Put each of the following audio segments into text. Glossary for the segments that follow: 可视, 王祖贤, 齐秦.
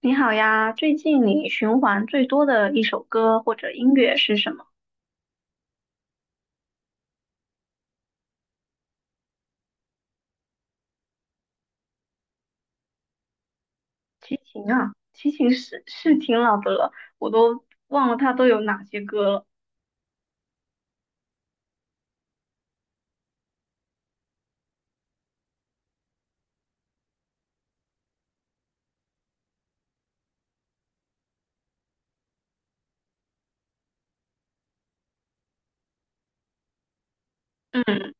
你好呀，最近你循环最多的一首歌或者音乐是什么？齐秦啊，齐秦是挺老的了，我都忘了他都有哪些歌了。嗯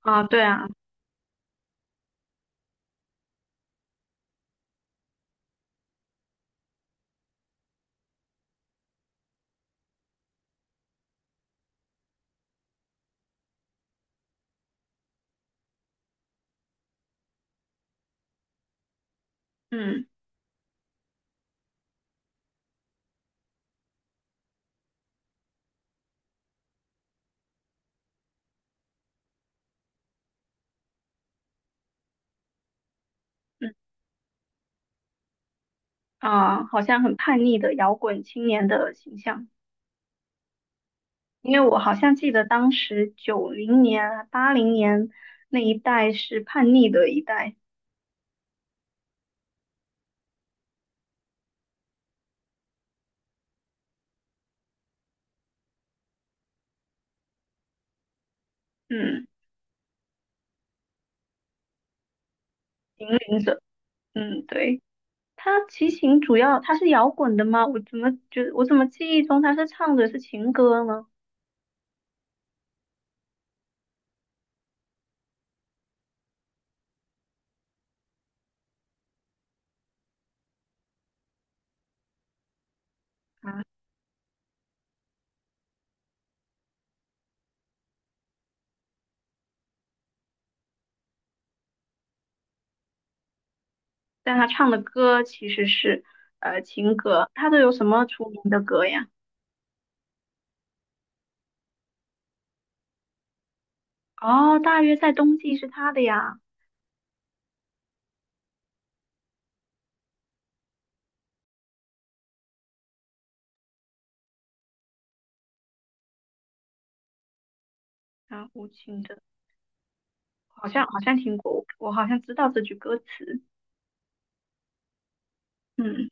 啊，对啊，嗯嗯啊，好像很叛逆的摇滚青年的形象。因为我好像记得当时90年啊、80年那一代是叛逆的一代。嗯，引领者，嗯，对。他齐秦主要他是摇滚的吗？我怎么记忆中他是唱的是情歌呢？啊，但他唱的歌其实是情歌。他都有什么出名的歌呀？哦，大约在冬季是他的呀。啊，无情的，好像听过，我好像知道这句歌词。嗯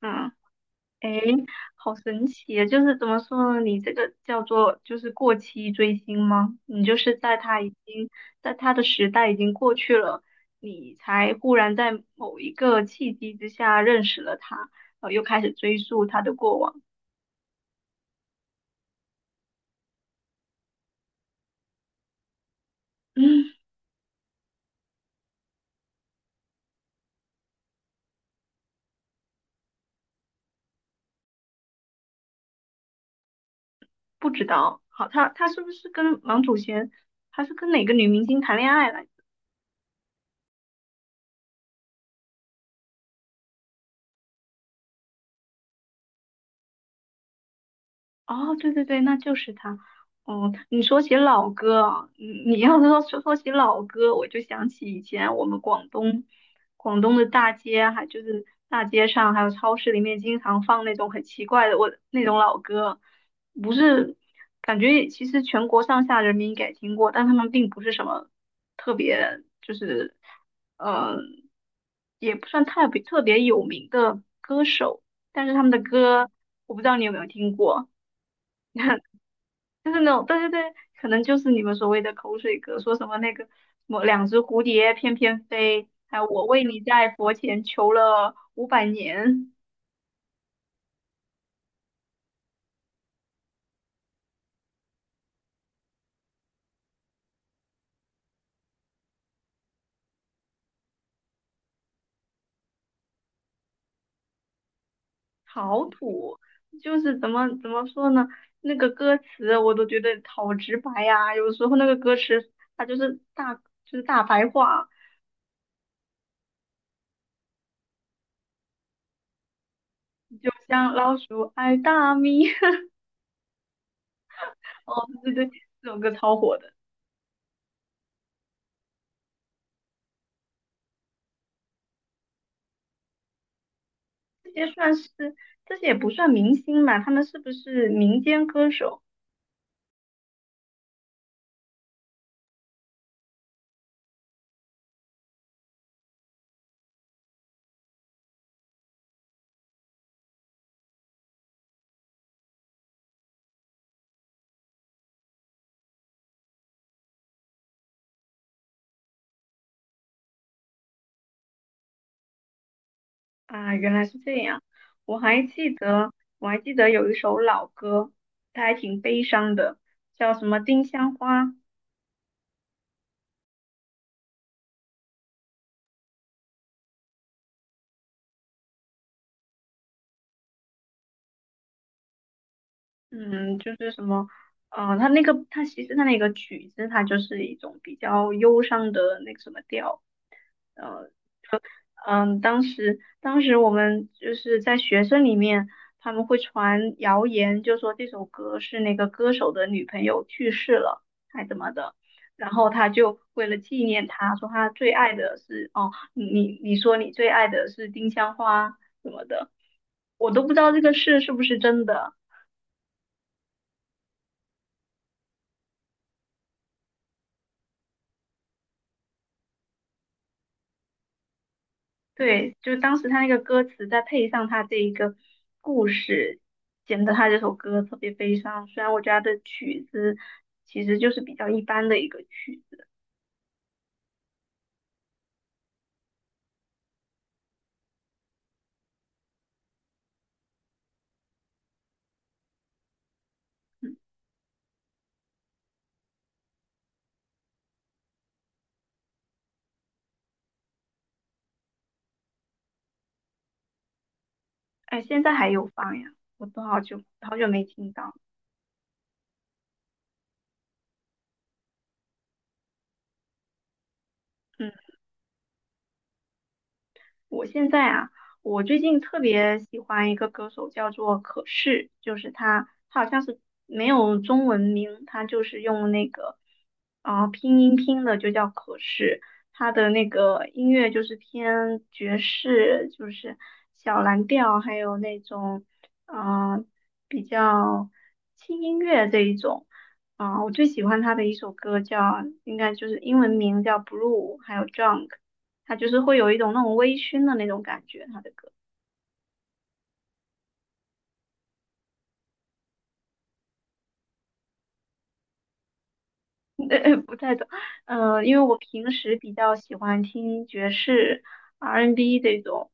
嗯。诶，好神奇啊！就是怎么说呢？你这个叫做就是过期追星吗？你就是在他已经在他的时代已经过去了，你才忽然在某一个契机之下认识了他，然后又开始追溯他的过往。嗯，不知道，好，他是不是跟王祖贤，他是跟哪个女明星谈恋爱来着？哦，对对对，那就是他。哦，你说起老歌啊，你要是说起老歌，我就想起以前我们广东的大街，还就是大街上还有超市里面经常放那种很奇怪的我那种老歌。不是感觉其实全国上下人民应该听过，但他们并不是什么特别，就是嗯也不算特别特别有名的歌手，但是他们的歌我不知道你有没有听过。就是那种，对对对，可能就是你们所谓的口水歌，说什么那个什么两只蝴蝶翩翩飞，还有我为你在佛前求了500年，好土。就是怎么说呢？那个歌词我都觉得好直白呀、有时候那个歌词它就是大就是大白话，就像老鼠爱大米。哦，对对对，这首歌超火的。这些算是这些也不算明星嘛，他们是不是民间歌手？啊，原来是这样。我还记得，我还记得有一首老歌，它还挺悲伤的，叫什么《丁香花》。嗯，就是什么，它那个，它其实它那个曲子，它就是一种比较忧伤的那个什么调。嗯，当时我们就是在学生里面，他们会传谣言，就说这首歌是那个歌手的女朋友去世了，还怎么的。然后他就为了纪念她，说他最爱的是哦，你说你最爱的是丁香花什么的，我都不知道这个事是不是真的。对，就当时他那个歌词，再配上他这一个故事，显得他这首歌特别悲伤。虽然我觉得他的曲子其实就是比较一般的一个曲子。嗯，哎，现在还有放呀，我都好久好久没听到。嗯。我现在啊，我最近特别喜欢一个歌手，叫做可视，就是他好像是没有中文名，他就是用那个拼音拼的，就叫可视。他的那个音乐就是偏爵士，就是小蓝调，还有那种啊、呃比较轻音乐这一种。啊、我最喜欢他的一首歌叫，应该就是英文名叫《Blue》，还有《Drunk》。他就是会有一种那种微醺的那种感觉，他的歌。不太懂，因为我平时比较喜欢听爵士、R&B 这种，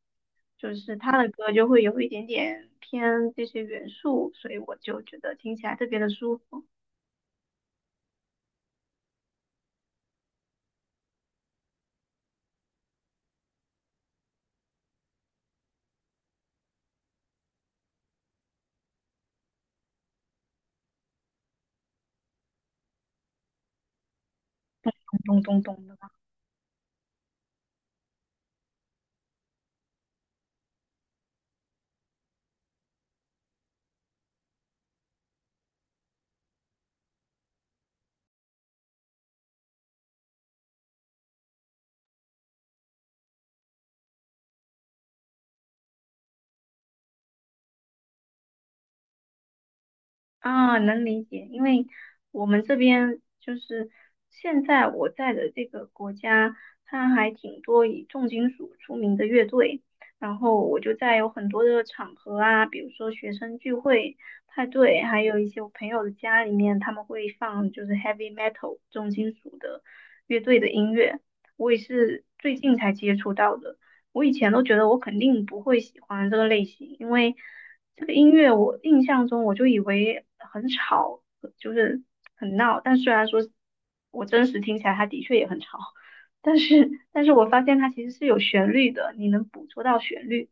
就是他的歌就会有一点点偏这些元素，所以我就觉得听起来特别的舒服。咚咚咚的。啊，能理解，因为我们这边就是现在我在的这个国家，它还挺多以重金属出名的乐队，然后我就在有很多的场合啊，比如说学生聚会、派对，还有一些我朋友的家里面，他们会放就是 heavy metal 重金属的乐队的音乐，我也是最近才接触到的。我以前都觉得我肯定不会喜欢这个类型，因为这个音乐我印象中我就以为很吵，就是很闹，但虽然说我真实听起来它的确也很吵，但是我发现它其实是有旋律的，你能捕捉到旋律。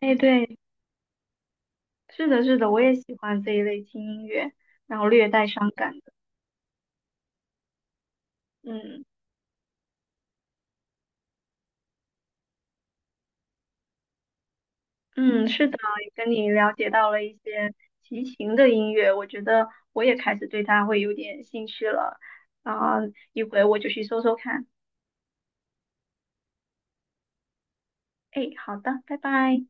哎，对，是的，是的，我也喜欢这一类轻音乐，然后略带伤感的。嗯嗯，是的，也跟你了解到了一些齐秦的音乐，我觉得我也开始对它会有点兴趣了。啊，一会我就去搜搜看。哎，好的，拜拜。